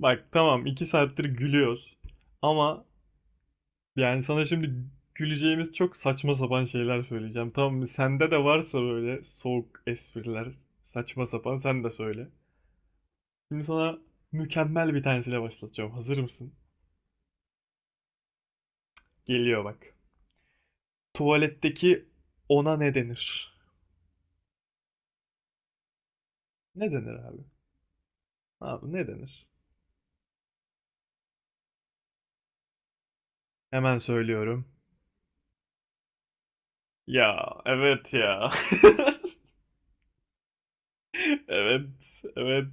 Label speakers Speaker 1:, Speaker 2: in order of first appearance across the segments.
Speaker 1: Bak tamam 2 saattir gülüyoruz. Ama yani sana şimdi güleceğimiz çok saçma sapan şeyler söyleyeceğim. Tamam mı? Sende de varsa böyle soğuk espriler, saçma sapan sen de söyle. Şimdi sana mükemmel bir tanesiyle başlatacağım. Hazır mısın? Geliyor bak. Tuvaletteki ona ne denir? Ne denir abi? Abi ne denir? Hemen söylüyorum. Ya evet ya. Evet, evet.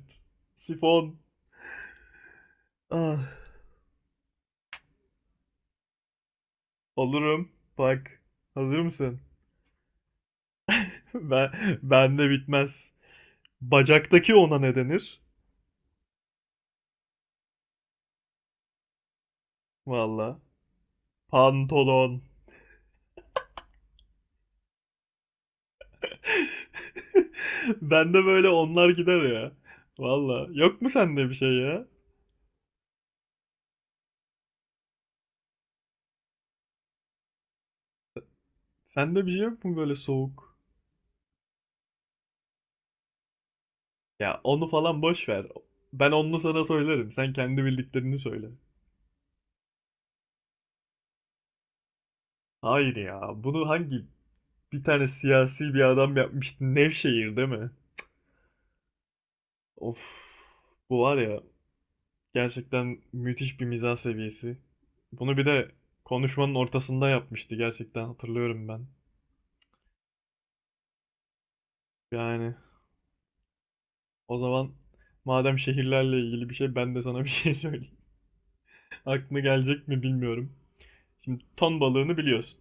Speaker 1: Sifon. Ah. Olurum. Bak. Hazır mısın? Ben bende bitmez. Bacaktaki ona ne denir? Valla. Pantolon. Bende böyle onlar gider ya. Valla. Yok mu sende bir şey ya? Sende bir şey yok mu böyle soğuk? Ya onu falan boş ver. Ben onu sana söylerim. Sen kendi bildiklerini söyle. Hayır ya. Bunu hangi bir tane siyasi bir adam yapmıştı? Nevşehir değil mi? Of. Bu var ya. Gerçekten müthiş bir mizah seviyesi. Bunu bir de konuşmanın ortasında yapmıştı gerçekten hatırlıyorum ben. Yani o zaman madem şehirlerle ilgili bir şey ben de sana bir şey söyleyeyim. Aklına gelecek mi bilmiyorum. Şimdi ton balığını biliyorsun.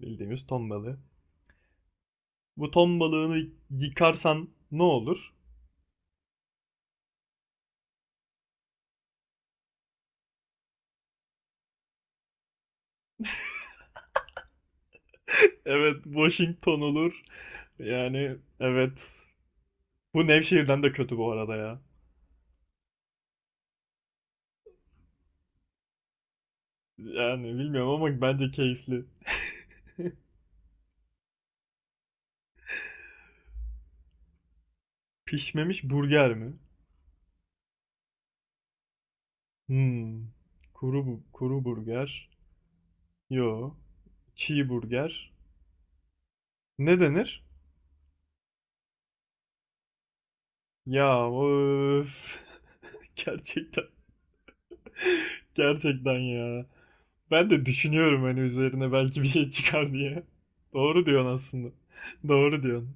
Speaker 1: Bildiğimiz ton balığı. Bu ton balığını yıkarsan ne olur? Evet, Washington olur. Yani evet. Bu Nevşehir'den de kötü bu arada ya. Yani bilmiyorum ama bence keyifli. Pişmemiş burger mi? Hmm. Kuru bu kuru burger. Yo. Çiğ burger. Ne denir? Ya öf. Gerçekten. Gerçekten ya. Ben de düşünüyorum hani üzerine belki bir şey çıkar diye. Doğru diyorsun aslında. Doğru diyorsun.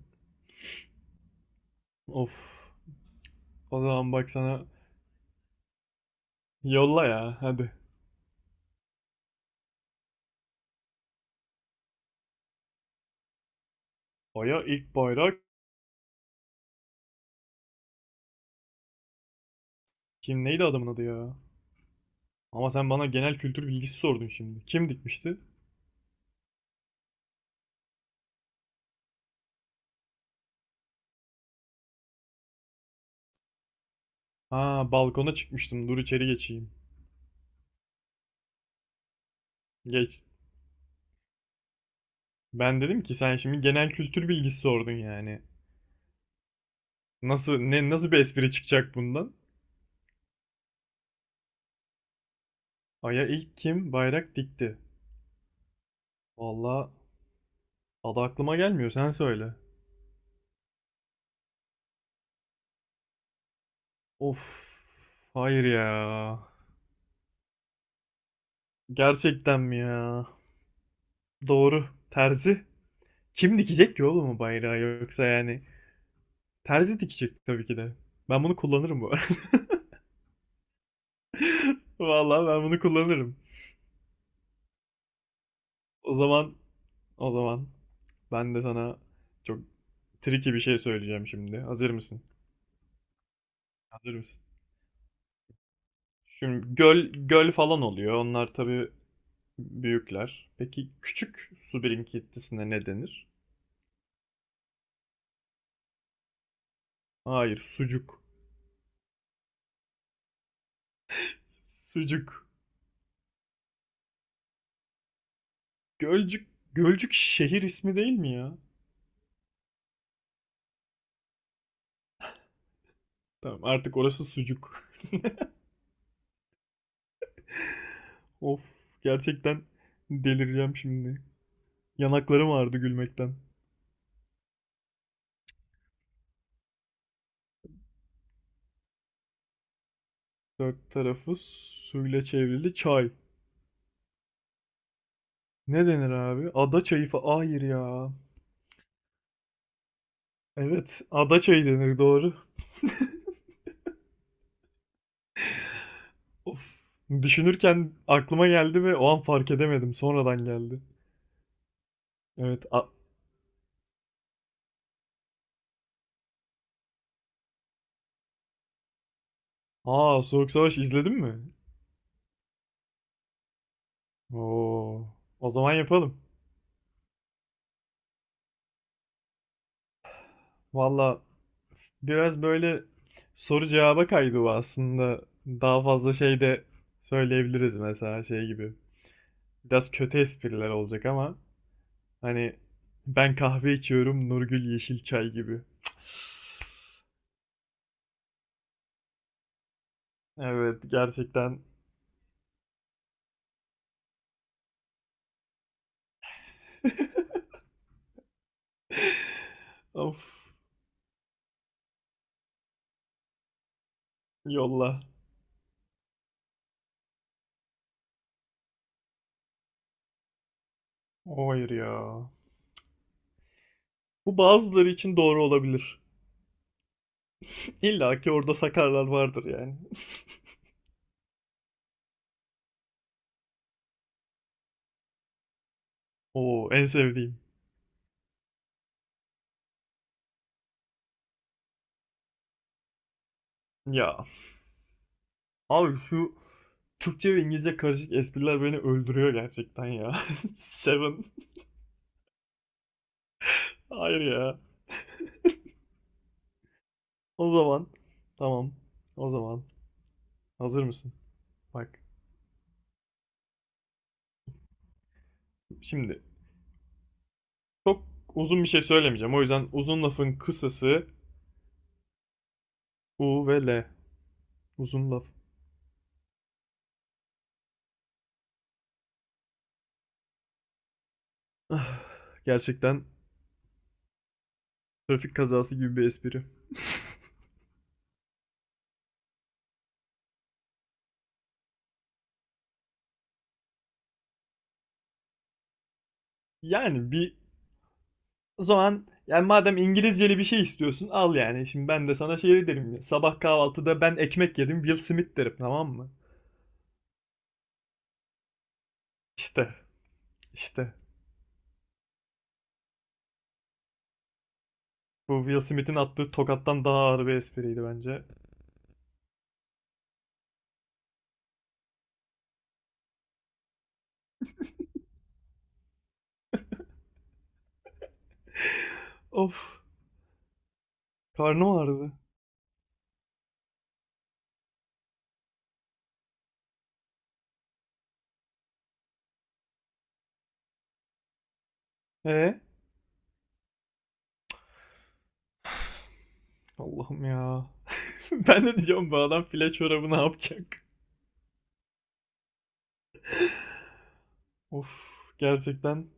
Speaker 1: Of. O zaman bak sana yolla ya hadi. Aya ilk bayrak kim neydi adamın adı ya? Ama sen bana genel kültür bilgisi sordun şimdi. Kim dikmişti? Ha, balkona çıkmıştım. Dur içeri geçeyim. Geç. Ben dedim ki sen şimdi genel kültür bilgisi sordun yani. Nasıl ne nasıl bir espri çıkacak bundan? Ay'a ilk kim bayrak dikti? Vallahi adı aklıma gelmiyor sen söyle. Of, hayır ya. Gerçekten mi ya? Doğru. Terzi. Kim dikecek ki oğlum o bayrağı yoksa yani? Terzi dikecek tabii ki de. Ben bunu kullanırım bu arada. Vallahi ben bunu kullanırım. O zaman o zaman ben de sana çok tricky bir şey söyleyeceğim şimdi. Hazır mısın? Hazır mısın? Şimdi göl göl falan oluyor. Onlar tabii büyükler. Peki küçük su birikintisine ne denir? Hayır, sucuk. Sucuk. Gölcük Gölcük şehir ismi değil mi ya? Tamam, artık orası sucuk. Of, gerçekten delireceğim şimdi. Yanaklarım ağrıdı gülmekten. Dört tarafı suyla çevrili çay. Ne denir abi? Ada çayı fa... Hayır ya. Evet, ada çayı denir doğru. Of. Düşünürken aklıma geldi ve o an fark edemedim. Sonradan geldi. Evet. A Soğuk Savaş izledin mi? Oo. O zaman yapalım. Valla biraz böyle soru cevaba kaydı bu aslında. Daha fazla şey de söyleyebiliriz mesela şey gibi. Biraz kötü espriler olacak ama hani ben kahve içiyorum Nurgül yeşil çay gibi. Evet gerçekten. Of, yolla. Hayır ya. Bu bazıları için doğru olabilir. İlla ki orada sakarlar vardır yani. Oo en sevdiğim. Ya abi şu Türkçe ve İngilizce karışık espriler beni öldürüyor gerçekten ya. Seven. Hayır ya. O zaman tamam. O zaman hazır mısın? Bak şimdi çok uzun bir şey söylemeyeceğim. O yüzden uzun lafın kısası U ve L. Uzun laf. Gerçekten trafik kazası gibi bir espri. Yani bir o zaman yani madem İngilizceli bir şey istiyorsun al yani. Şimdi ben de sana şey derim. Ya, sabah kahvaltıda ben ekmek yedim Will Smith derim tamam mı? İşte işte. Bu Will Smith'in attığı tokattan daha ağır bir espriydi bence. Of, karnım ağrıdı. E, Allah'ım ya. Ben de diyeceğim bu adam file çorabı ne yapacak? Of, gerçekten.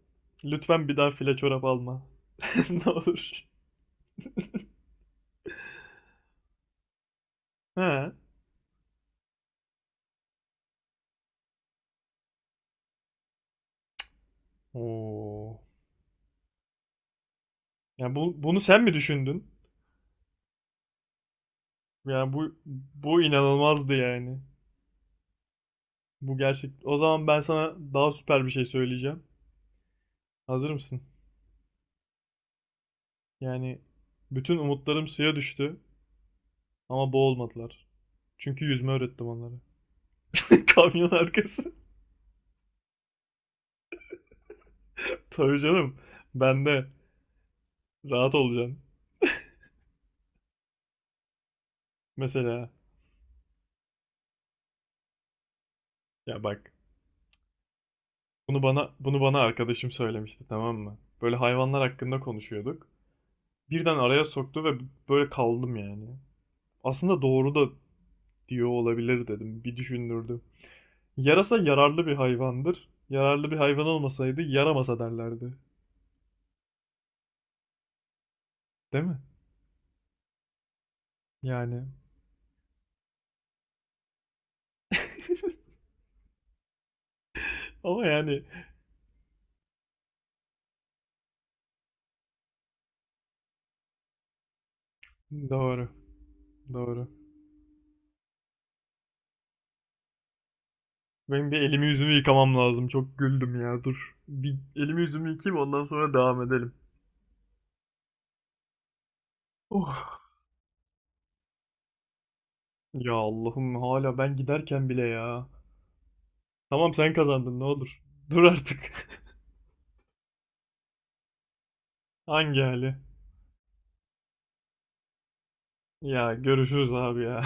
Speaker 1: Lütfen bir daha file çorap alma. Ne olur. He. Oo. Ya bunu sen mi düşündün? Ya bu bu inanılmazdı yani. Bu gerçek. O zaman ben sana daha süper bir şey söyleyeceğim. Hazır mısın? Yani bütün umutlarım suya düştü ama boğulmadılar. Çünkü yüzme öğrettim onlara. Kamyon arkası. Tabii canım. Ben de rahat olacaksın. Mesela ya bak bunu bana arkadaşım söylemişti tamam mı? Böyle hayvanlar hakkında konuşuyorduk. Birden araya soktu ve böyle kaldım yani. Aslında doğru da diyor olabilir dedim. Bir düşündürdü. Yarasa yararlı bir hayvandır. Yararlı bir hayvan olmasaydı yaramasa derlerdi. Değil mi? Yani. Ama yani doğru. Doğru. Benim bir elimi yüzümü yıkamam lazım. Çok güldüm ya. Dur. Bir elimi yüzümü yıkayayım ondan sonra devam edelim. Oh. Ya Allah'ım hala ben giderken bile ya. Tamam sen kazandın ne olur. Dur artık. Hangi hali? Ya görüşürüz abi ya.